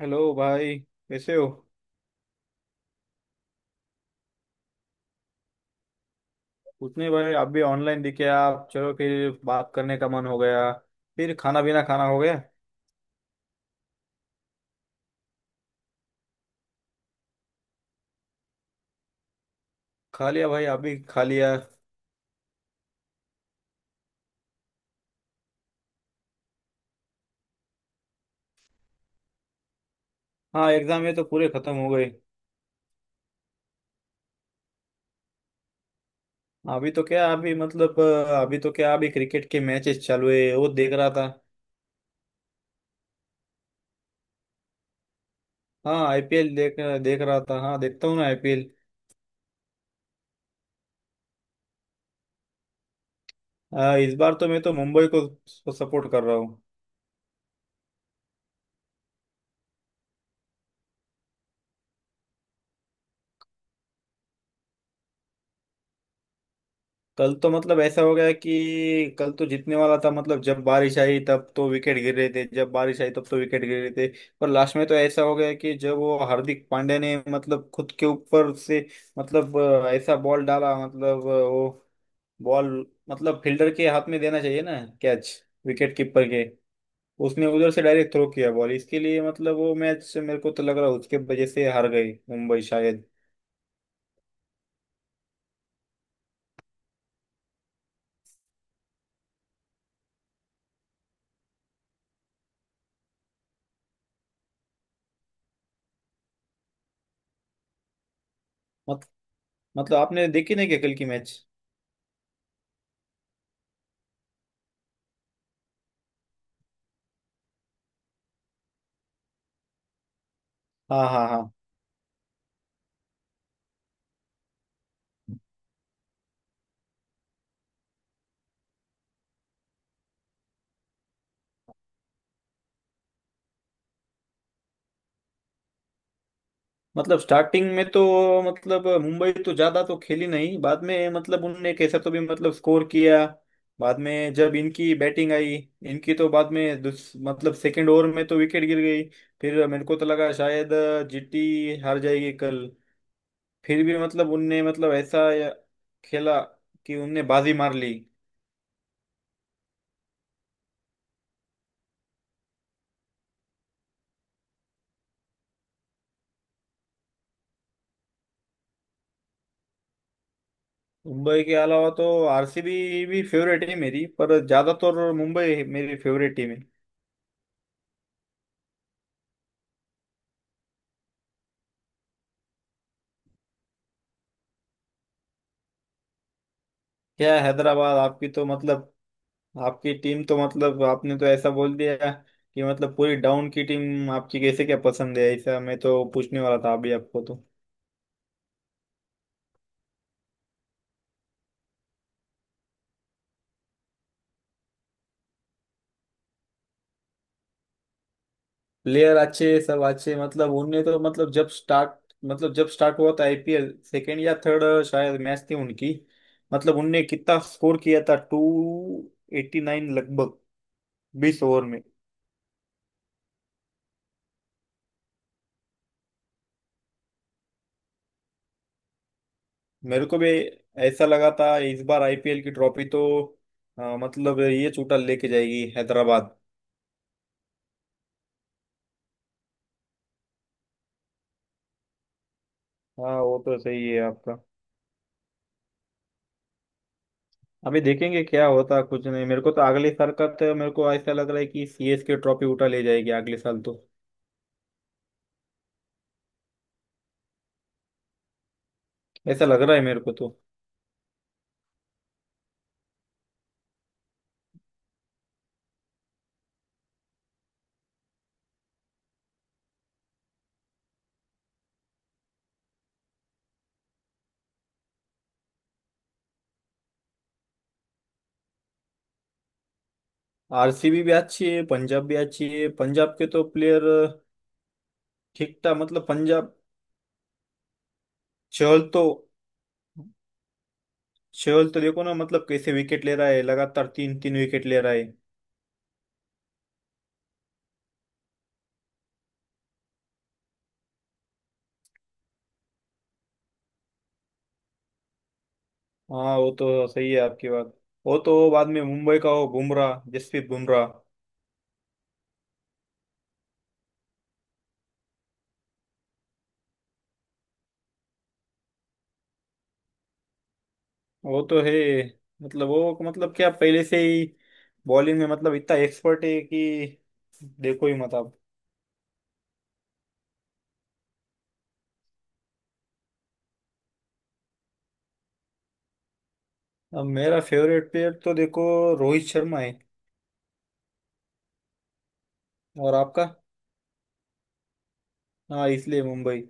Hello भाई कैसे हो। कुछ नहीं भाई, आप भी ऑनलाइन दिखे। आप चलो फिर बात करने का मन हो गया। फिर खाना पीना खाना हो गया। खा लिया भाई। आप भी खा लिया। हाँ, एग्जाम ये तो पूरे खत्म हो गए। अभी तो क्या अभी क्रिकेट के मैचेस चालू है, वो देख रहा था। हाँ, आईपीएल देख देख रहा था। हाँ, देखता हूँ ना आईपीएल। इस बार तो मैं तो मुंबई को सपोर्ट कर रहा हूँ। कल तो मतलब ऐसा हो गया कि कल तो जीतने वाला था। मतलब जब बारिश आई तब तो विकेट गिर रहे थे, जब बारिश आई तब तो विकेट गिर रहे थे। पर लास्ट में तो ऐसा हो गया कि जब वो हार्दिक पांड्या ने मतलब खुद के ऊपर से, मतलब ऐसा बॉल डाला। मतलब वो बॉल मतलब फील्डर के हाथ में देना चाहिए ना। कैच, विकेट कीपर के। उसने उधर से डायरेक्ट थ्रो किया बॉल इसके लिए। मतलब वो मैच मेरे को तो लग रहा है उसके वजह से हार गई मुंबई शायद। मत, मतलब आपने देखी नहीं क्या कल की मैच? हाँ, हाँ, हाँ। मतलब स्टार्टिंग में तो मतलब मुंबई तो ज्यादा तो खेली नहीं, बाद में मतलब उनने कैसा तो भी मतलब स्कोर किया। बाद में जब इनकी बैटिंग आई, इनकी तो बाद में मतलब सेकंड ओवर में तो विकेट गिर गई। फिर मेरे को तो लगा शायद जीटी हार जाएगी कल। फिर भी मतलब उनने मतलब ऐसा खेला कि उनने बाजी मार ली। मुंबई के अलावा तो आरसीबी भी फेवरेट है मेरी, पर ज्यादातर मुंबई मेरी फेवरेट टीम है। क्या है, हैदराबाद आपकी तो मतलब, आपकी टीम तो मतलब, आपने तो ऐसा बोल दिया कि मतलब पूरी डाउन की टीम। आपकी कैसे क्या पसंद है, ऐसा मैं तो पूछने वाला था अभी आपको तो। प्लेयर अच्छे, सब अच्छे, मतलब उनने तो मतलब जब स्टार्ट, मतलब जब स्टार्ट हुआ था आईपीएल, सेकेंड या थर्ड शायद मैच थी उनकी, मतलब उनने कितना स्कोर किया था, 289 लगभग, 20 ओवर में। मेरे को भी ऐसा लगा था, इस बार आईपीएल की ट्रॉफी तो मतलब ये चूटा लेके जाएगी हैदराबाद। हाँ, वो तो सही है आपका। अभी देखेंगे क्या होता है, कुछ नहीं मेरे को तो अगली सरकत मेरे को ऐसा लग रहा है कि सीएस के ट्रॉफी उठा ले जाएगी अगले साल तो। ऐसा लग रहा है मेरे को तो। आरसीबी भी अच्छी है, पंजाब भी अच्छी है, पंजाब के तो प्लेयर ठीक ठाक, मतलब पंजाब। चहल तो, चहल तो देखो ना मतलब कैसे विकेट ले रहा है, लगातार तीन तीन विकेट ले रहा है। हाँ, वो तो सही है आपकी बात। वो तो बाद में मुंबई का हो, बुमराह, जसप्रीत बुमराह। वो तो है, मतलब वो मतलब क्या पहले से ही बॉलिंग में मतलब इतना एक्सपर्ट है कि देखो ही मत आप। अब मेरा फेवरेट प्लेयर तो देखो, रोहित शर्मा है। और आपका? हाँ, इसलिए मुंबई।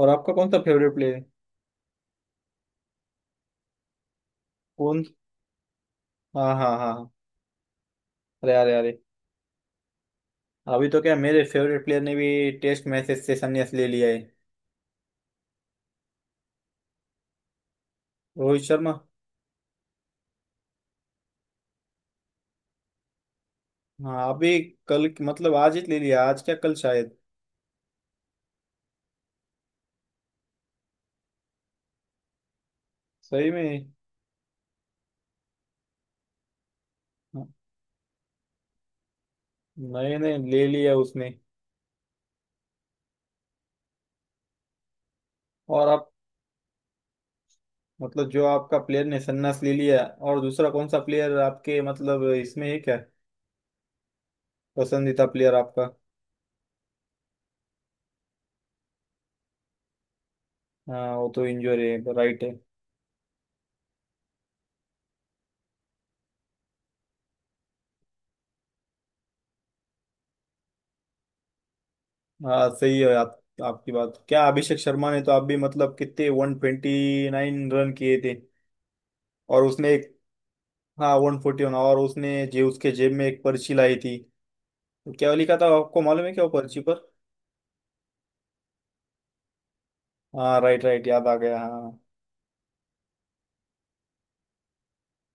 और आपका कौन सा फेवरेट प्लेयर है? कौन? हाँ, हाँ, हाँ, हाँ। अरे, अरे, अरे। अभी तो क्या, मेरे फेवरेट प्लेयर ने भी टेस्ट मैचेस से संन्यास ले लिया है। रोहित शर्मा। हाँ, अभी कल, मतलब आज ही ले लिया, आज क्या कल शायद। सही में। हाँ, नहीं नहीं, ले लिया उसने। और आप मतलब जो आपका प्लेयर ने सन्नास ले लिया, और दूसरा कौन सा प्लेयर आपके मतलब इसमें है क्या? पसंदीदा प्लेयर आपका? हाँ, वो तो इंजोर है, राइट है। हाँ, सही है आप। आपकी बात क्या, अभिषेक शर्मा ने तो आप भी मतलब कितने 129 रन किए थे। और उसने एक हाँ 141, और उसने जे उसके जेब में एक पर्ची लाई थी। क्या लिखा था आपको मालूम है, क्या वो पर्ची पर? हाँ, राइट, राइट, याद आ गया हाँ।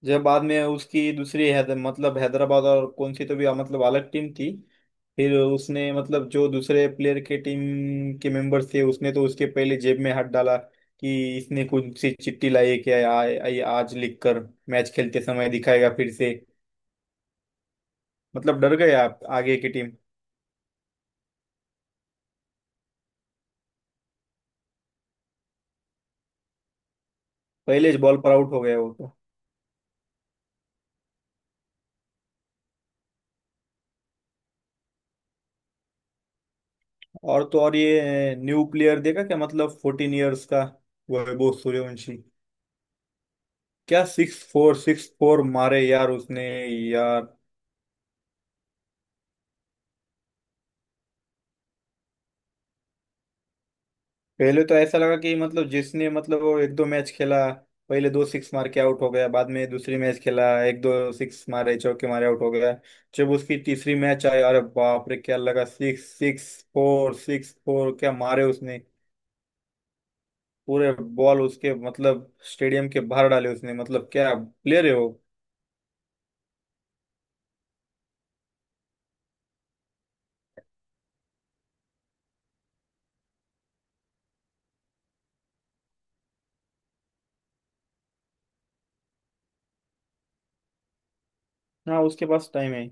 जब बाद में उसकी दूसरी मतलब हैदराबाद और कौन सी तो भी मतलब अलग टीम थी। फिर उसने मतलब जो दूसरे प्लेयर के टीम के मेंबर थे, उसने तो उसके पहले जेब में हाथ डाला कि इसने कौन सी चिट्ठी लाई है क्या? आ, आ, आज लिखकर मैच खेलते समय दिखाएगा फिर से। मतलब डर गए आप आगे की टीम। पहले बॉल पर आउट हो गया वो तो। और तो और, ये न्यू प्लेयर देखा क्या, मतलब 14 इयर्स का, वैभव सूर्यवंशी। क्या सिक्स फोर मारे यार उसने यार। पहले तो ऐसा लगा कि मतलब जिसने मतलब वो एक दो मैच खेला, पहले दो सिक्स मार के आउट हो गया, बाद में दूसरी मैच खेला, एक दो सिक्स मारे, चौके मारे, आउट हो गया। जब उसकी तीसरी मैच आई, अरे बाप रे क्या लगा, सिक्स सिक्स फोर क्या मारे उसने, पूरे बॉल उसके मतलब स्टेडियम के बाहर डाले उसने। मतलब क्या प्लेयर है वो। हाँ, उसके पास टाइम है।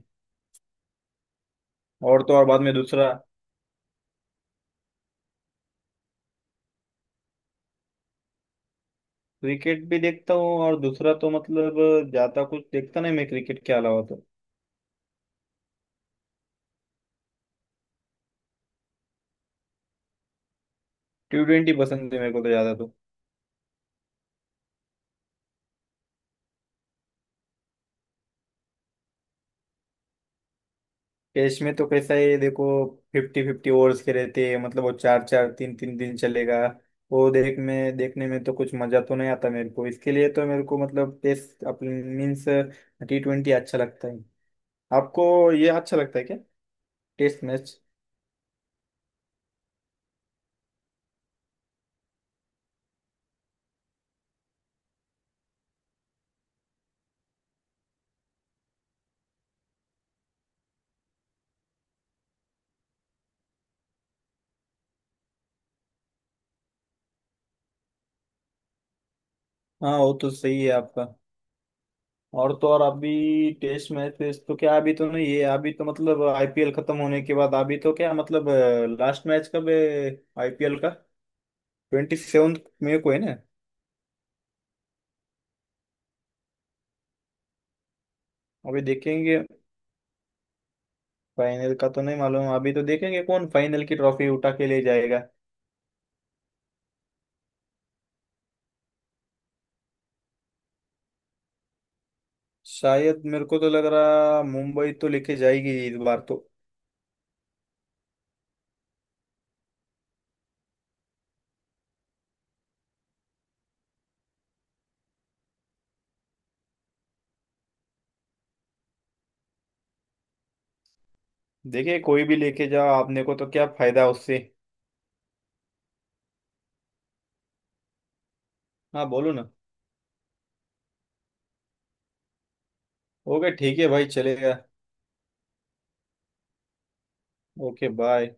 और तो और बाद में दूसरा, क्रिकेट भी देखता हूँ, और दूसरा तो मतलब ज्यादा कुछ देखता नहीं मैं क्रिकेट के अलावा तो। T20 पसंद है मेरे को तो ज्यादा तो। कैश में तो कैसा है देखो, 50-50 ओवर्स के रहते हैं, मतलब वो चार चार तीन तीन दिन चलेगा, वो देख में देखने में तो कुछ मजा तो नहीं आता मेरे को, इसके लिए तो मेरे को मतलब टेस्ट अपने मीन्स T20 अच्छा लगता है। आपको ये अच्छा लगता है क्या, टेस्ट मैच? हाँ, वो तो सही है आपका। और तो और, अभी टेस्ट मैच वेस्ट तो क्या अभी तो नहीं है, अभी तो मतलब आईपीएल खत्म होने के बाद अभी तो क्या मतलब। लास्ट मैच कब है आईपीएल का, 27 मई को है ना? अभी देखेंगे, फाइनल का तो नहीं मालूम, अभी तो देखेंगे कौन फाइनल की ट्रॉफी उठा के ले जाएगा। शायद मेरे को तो लग रहा, मुंबई तो लेके जाएगी इस बार तो। देखिए कोई भी लेके जाओ, आपने को तो क्या फायदा उससे। हाँ, बोलो ना। ओके, ठीक है भाई, चलेगा। Okay, bye.